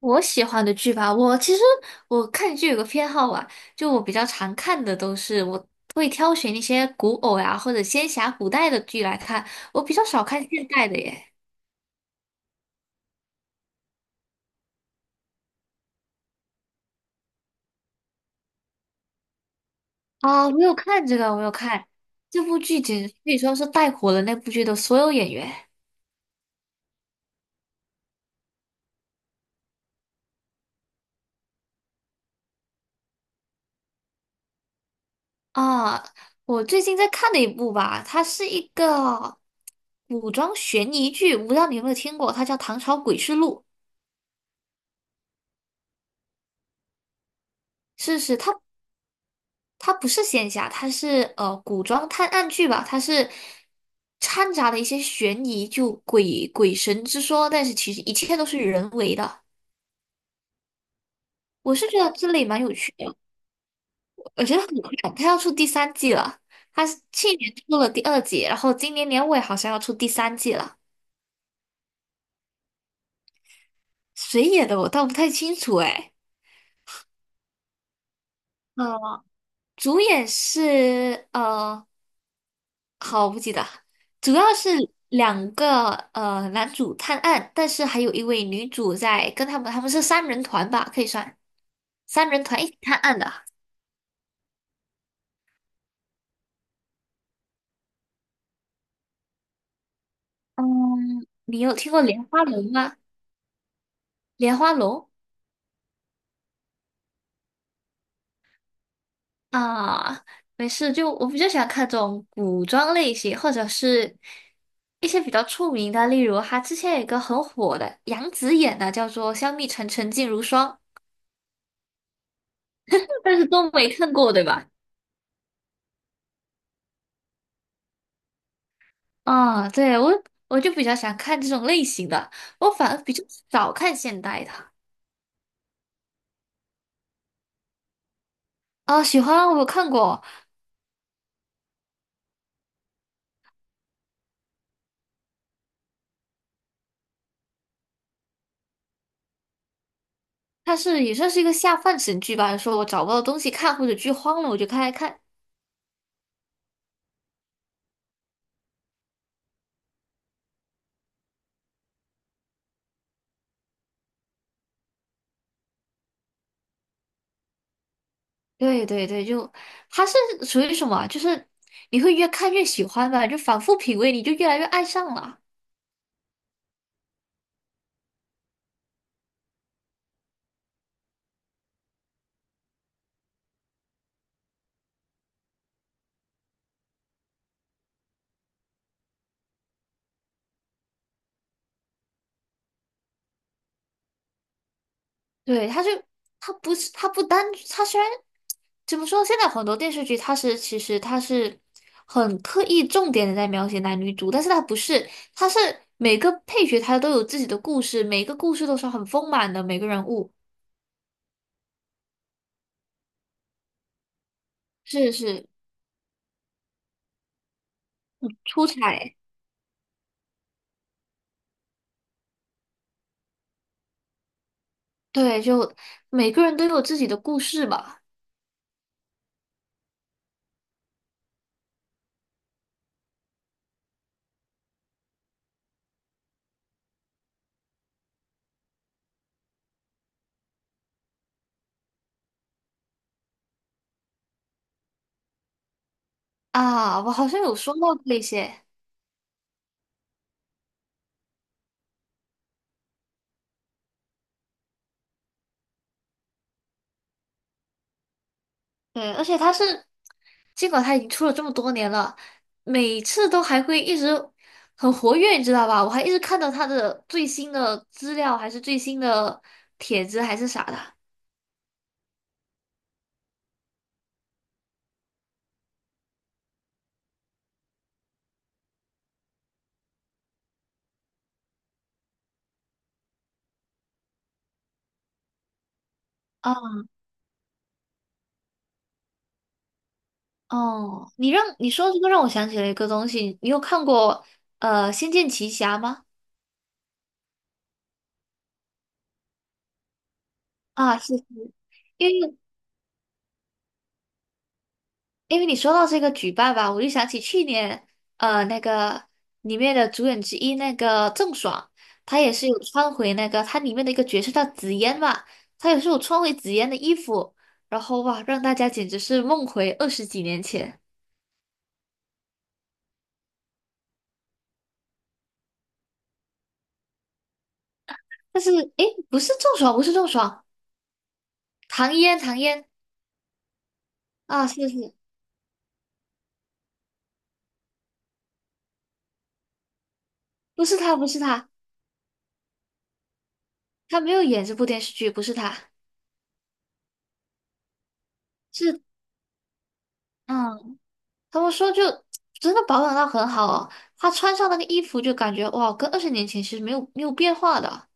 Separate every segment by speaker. Speaker 1: 我喜欢的剧吧，我其实看剧有个偏好啊，就我比较常看的都是会挑选一些古偶呀、或者仙侠古代的剧来看，我比较少看现代的耶。啊，我有看这个，我有看这部剧简直可以说是带火了那部剧的所有演员啊。我最近在看的一部吧，它是一个古装悬疑剧，我不知道你有没有听过，它叫《唐朝诡事录》。是是，它不是仙侠，它是古装探案剧吧，它是掺杂了一些悬疑，就鬼鬼神之说，但是其实一切都是人为的。我是觉得这类蛮有趣的，我觉得很快，它要出第三季了。它是去年出了第二季，然后今年年尾好像要出第三季了。谁演的我倒不太清楚哎。呃，主演是好，不记得，主要是两个男主探案，但是还有一位女主在跟他们，他们是三人团吧，可以算三人团一起探案的。嗯，你有听过莲花楼吗？莲花楼啊，没事，就我比较喜欢看这种古装类型，或者是一些比较出名的，例如他之前有一个很火的杨紫演的，叫做《香蜜沉沉烬如霜》，但是都没看过，对吧？啊，对，我就比较喜欢看这种类型的，我反而比较少看现代的。啊，喜欢我有看过，它是也算是一个下饭神剧吧。说我找不到东西看或者剧荒了，我就开来看。对对对，就它是属于什么啊就是你会越看越喜欢吧，就反复品味，你就越来越爱上了。对，他就他不是他不单他虽然怎么说，现在很多电视剧它是很刻意重点的在描写男女主，但是它不是，它是每个配角他都有自己的故事，每个故事都是很丰满的，每个人物是是出彩，对，就每个人都有自己的故事吧。啊，我好像有说到这一些。对，而且他是，尽管他已经出了这么多年了，每次都还会一直很活跃，你知道吧？我还一直看到他的最新的资料，还是最新的帖子，还是啥的。哦哦，你说这个让我想起了一个东西，你有看过《仙剑奇侠》吗？啊，是是，因为因为你说到这个举办吧，我就想起去年，呃，那个里面的主演之一那个郑爽，她也是有穿回那个她里面的一个角色叫紫嫣嘛，她也是有穿回紫嫣的衣服，然后哇，让大家简直是梦回二十几年前。但是诶，不是郑爽，不是郑爽，唐嫣，唐嫣啊，是是，不是她，不是她，她没有演这部电视剧，不是她，是嗯。他们说就真的保养到很好哦，他穿上那个衣服就感觉哇，跟二十年前其实没有变化的，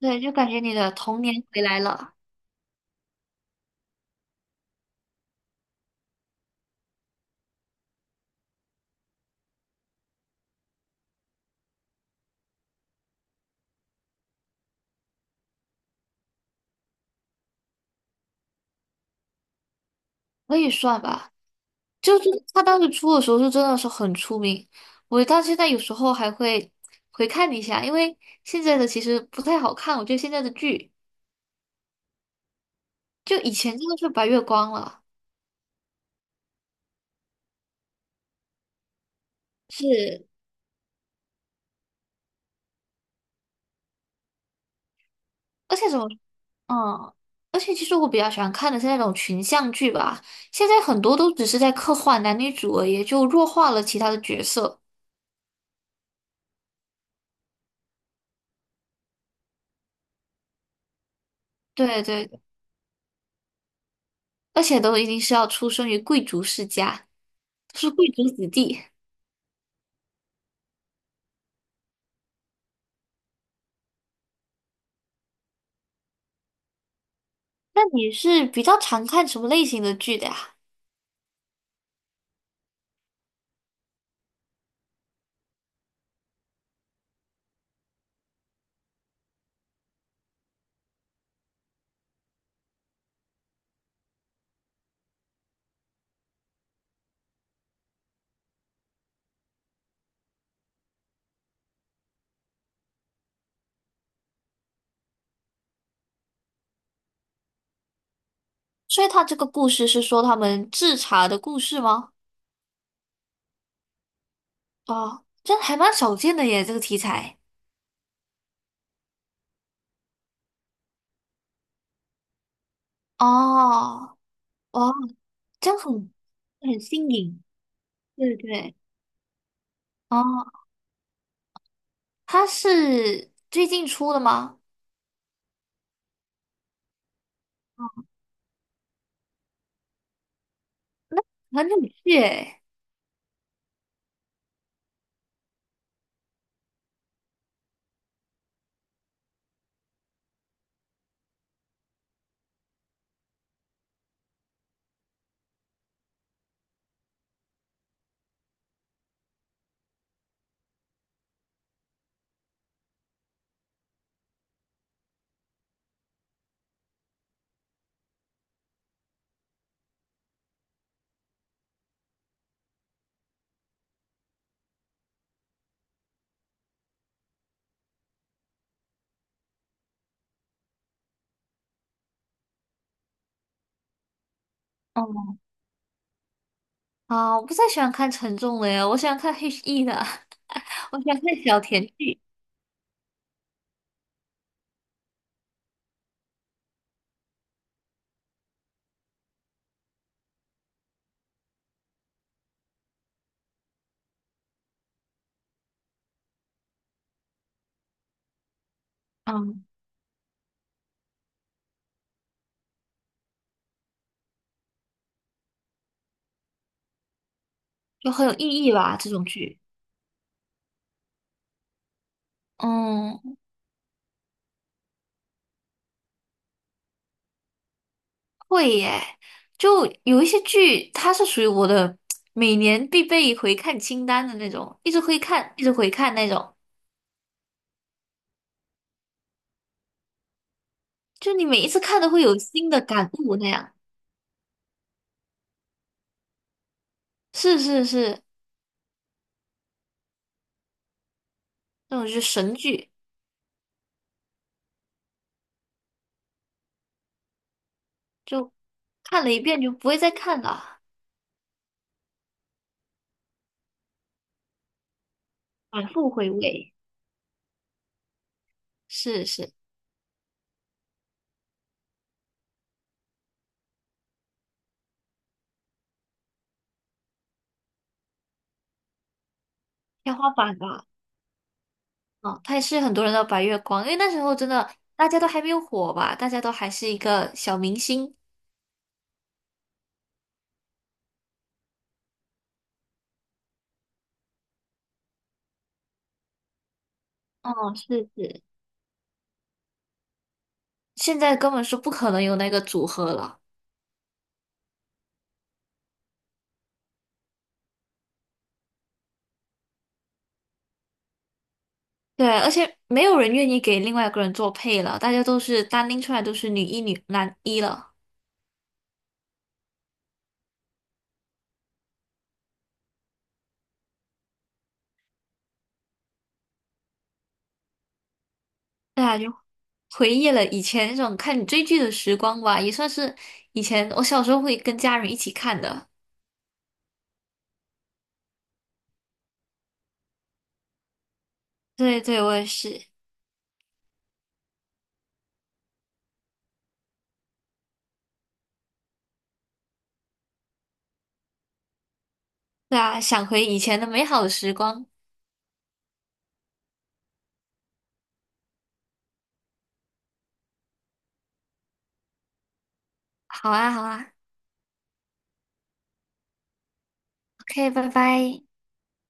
Speaker 1: 对，就感觉你的童年回来了，可以算吧。就是他当时出的时候，就真的是很出名，我到现在有时候还会回看一下，因为现在的其实不太好看，我觉得现在的剧就以前真的是白月光了，是，而且怎么嗯，而且其实我比较喜欢看的是那种群像剧吧，现在很多都只是在刻画男女主而已，就弱化了其他的角色。对对，而且都一定是要出生于贵族世家，是贵族子弟。那你是比较常看什么类型的剧的呀？所以他这个故事是说他们制茶的故事吗？哦，这还蛮少见的耶，这个题材。哦，哇，这样很新颖。对对。哦，它是最近出的吗？很有趣诶。哦，啊，我不太喜欢看沉重的耶，我喜欢看 HE 的，我喜欢看小甜剧，嗯就很有意义吧，这种剧。嗯，会耶，就有一些剧，它是属于我的每年必备回看清单的那种，一直回看，一直回看那种，就你每一次看都会有新的感悟那样。是是是，那种就是神剧，就看了一遍就不会再看了，反复回味。是是，天花板吧。哦，他也是很多人的白月光，因为那时候真的大家都还没有火吧，大家都还是一个小明星。哦，是是，现在根本是不可能有那个组合了。对，而且没有人愿意给另外一个人做配了，大家都是单拎出来都是女一、女男一了。对啊，就回忆了以前那种看你追剧的时光吧，也算是以前我小时候会跟家人一起看的。对对，我也是。对啊，想回以前的美好时光。好啊，好啊，OK,拜拜。